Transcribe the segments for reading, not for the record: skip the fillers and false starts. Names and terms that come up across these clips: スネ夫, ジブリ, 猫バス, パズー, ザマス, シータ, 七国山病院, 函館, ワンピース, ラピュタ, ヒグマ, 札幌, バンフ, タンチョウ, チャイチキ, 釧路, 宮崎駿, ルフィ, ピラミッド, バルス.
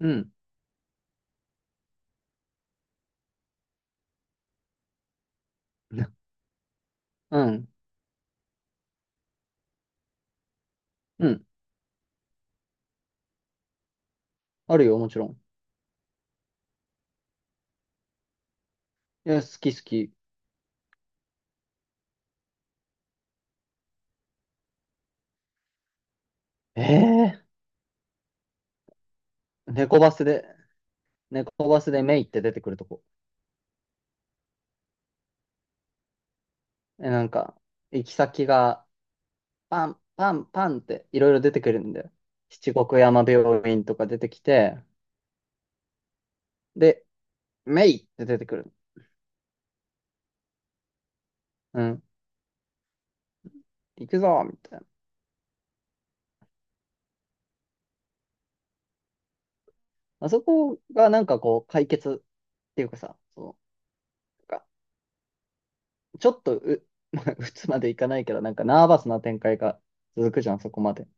うん。うん。うん。あるよ、もちろん。いや、好き好き。ええー、猫バスで、メイって出てくるとこ。え、なんか、行き先が、パン、パン、パンっていろいろ出てくるんだよ。七国山病院とか出てきて、で、メイって出てくる。うん。行くぞみたいな。まあそこがなんかこう、解決っていうかさ、そう、なんかちょっとう、ま打つまでいかないけど、なんかナーバスな展開が続くじゃん、そこまで。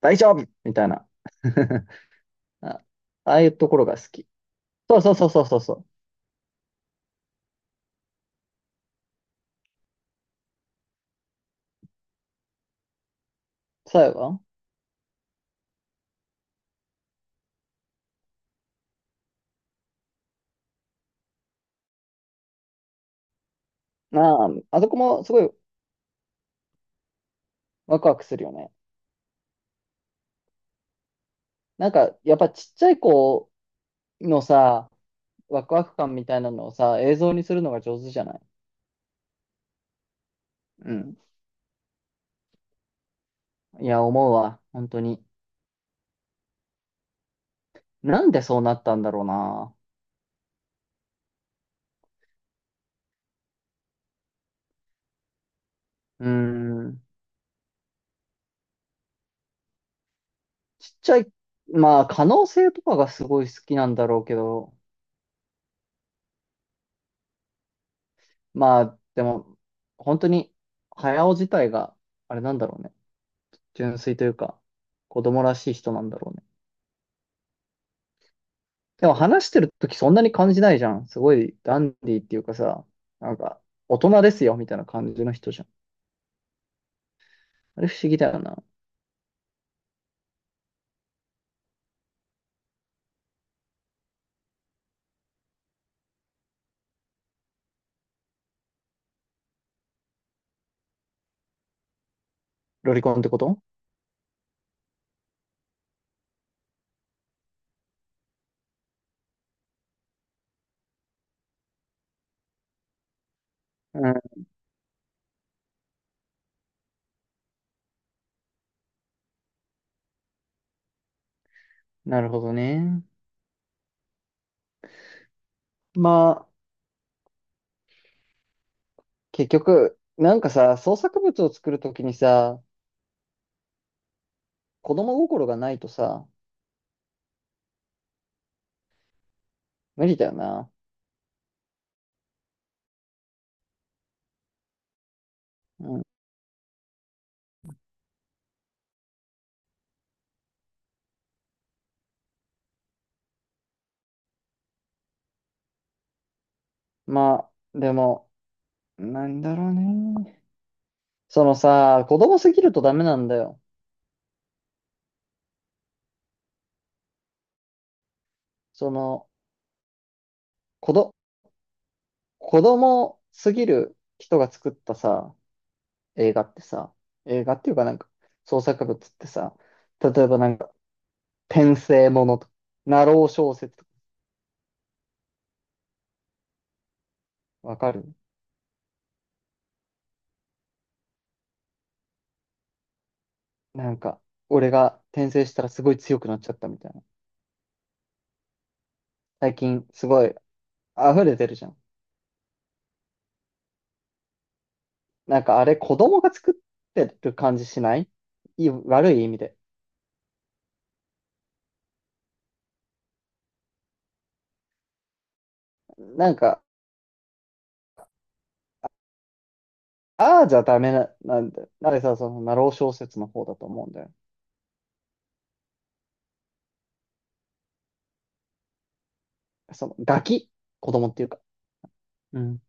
大丈夫みたいな。あ、ああいうところが好き。そうそうそうそうそうそう。最後はなあ、あそこもすごいワクワクするよね。なんか、やっぱちっちゃい子のさ、ワクワク感みたいなのをさ、映像にするのが上手じゃない？うん。いや、思うわ。本当に。なんでそうなったんだろうな。うーん。ちっちゃい、まあ、可能性とかがすごい好きなんだろうけど、まあ、でも、本当に、早尾自体が、あれなんだろうね。純粋というか、子供らしい人なんだろうね。でも話してる時そんなに感じないじゃん。すごいダンディーっていうかさ、なんか、大人ですよ、みたいな感じの人じゃん。あれ不思議だよな。ロリコンってこと？うん、なるほどね。まあ、結局、なんかさ、創作物を作るときにさ、子供心がないとさ、無理だよな。うん。まあ、でも、なんだろうね。そのさ、子供すぎるとダメなんだよ。その、子ど、子供すぎる人が作ったさ、映画ってさ、映画っていうかなんか創作物ってさ、例えばなんか転生ものとか、ナロー小説とかわかる？なんか俺が転生したらすごい強くなっちゃったみたいな。最近すごい溢れてるじゃん。なんかあれ子供が作ってる感じしない？いい悪い意味で。なんか、ああじゃダメな、なんだよ。なんでさ、そのナロー小説の方だと思うんだよ。そのガキ、子供っていうか。うん。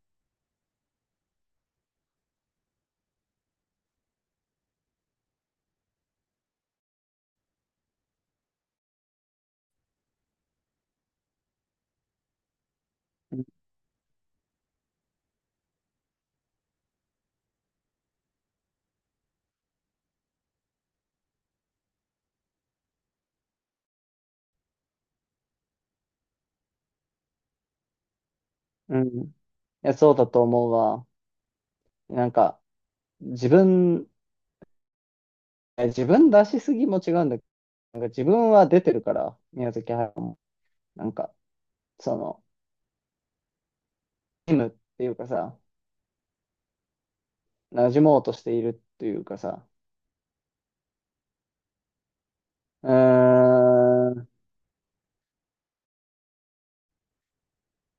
うん。いや、そうだと思うわ。なんか、自分、自分出しすぎも違うんだけど、なんか自分は出てるから、宮崎駿も。なんか、その、っていうかさ、馴染もうとしているっていうかさ、うーん、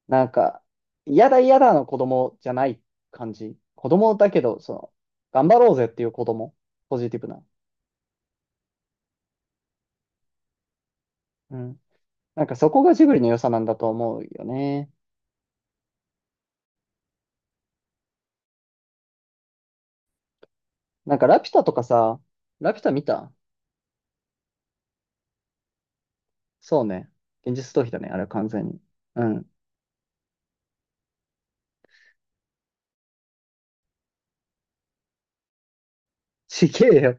なんか、嫌だ嫌だの子供じゃない感じ。子供だけど、その、頑張ろうぜっていう子供。ポジティブな。うん。なんかそこがジブリの良さなんだと思うよね。なんかラピュタとかさ、ラピュタ見た？そうね。現実逃避だね、あれは完全に。うん。ちげえよ。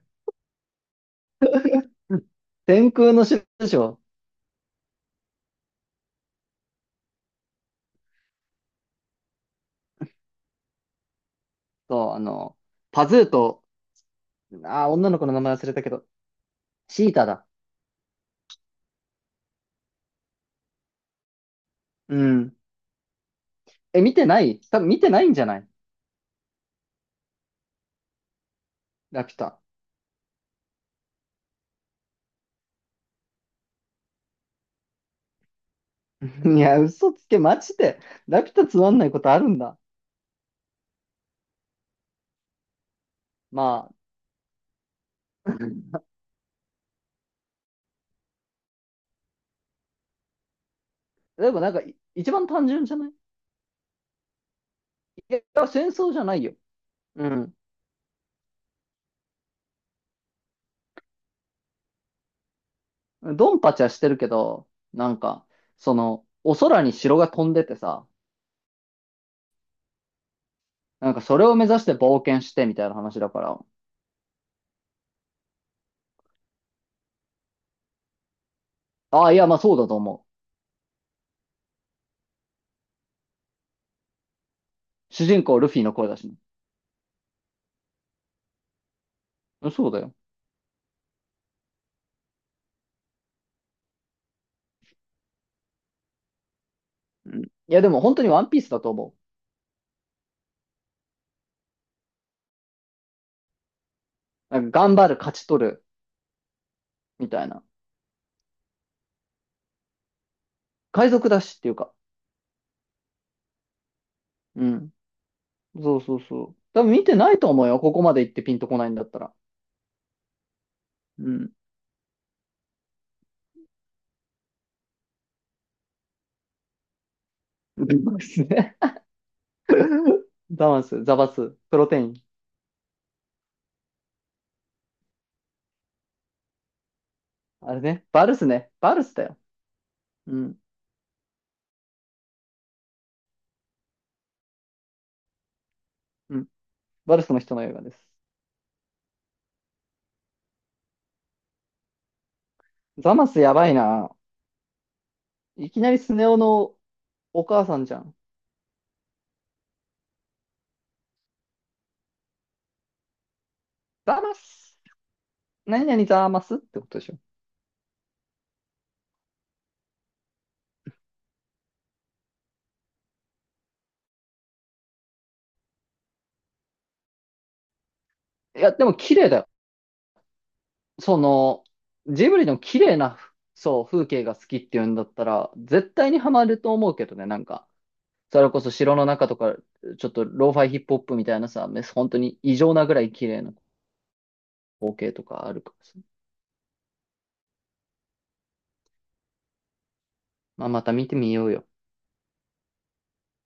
天空の城でしょ。あの、パズーと、女の子の名前忘れたけど、シータだ。うん。え、見てない、多分見てないんじゃない？ラピュタ。いや、嘘つけ、マジで。ラピュタつまんないことあるんだ。まあ、でもなんか、い一番単純じゃない？いや、いや戦争じゃないよ。うん。ドンパチはしてるけど、なんか、その、お空に城が飛んでてさ、なんかそれを目指して冒険してみたいな話だから。ああ、いや、まあそうだと思う。主人公ルフィの声だしね。うんそうだよ。うん。いや、でも本当にワンピースだと思う。なんか頑張る、勝ち取る、みたいな。海賊だしっていうか。うん。そうそうそう。多分見てないと思うよ。ここまで行ってピンとこないんだったら。うん。バルスね。ザマス、ザバス、プロテイン。あれね。バルスね。バルスだよ。うん。うん。バルスの人の映画です。ザマスやばいな。いきなりスネ夫のお母さんじゃん。ザマス、何々ざーますってことでしょ？いや、でも綺麗だよ。その、ジブリの綺麗な、そう、風景が好きっていうんだったら、絶対にハマると思うけどね、なんか。それこそ城の中とか、ちょっとローファイヒップホップみたいなさ、め本当に異常なぐらい綺麗な光景とかあるからさ。まあ、また見てみようよ。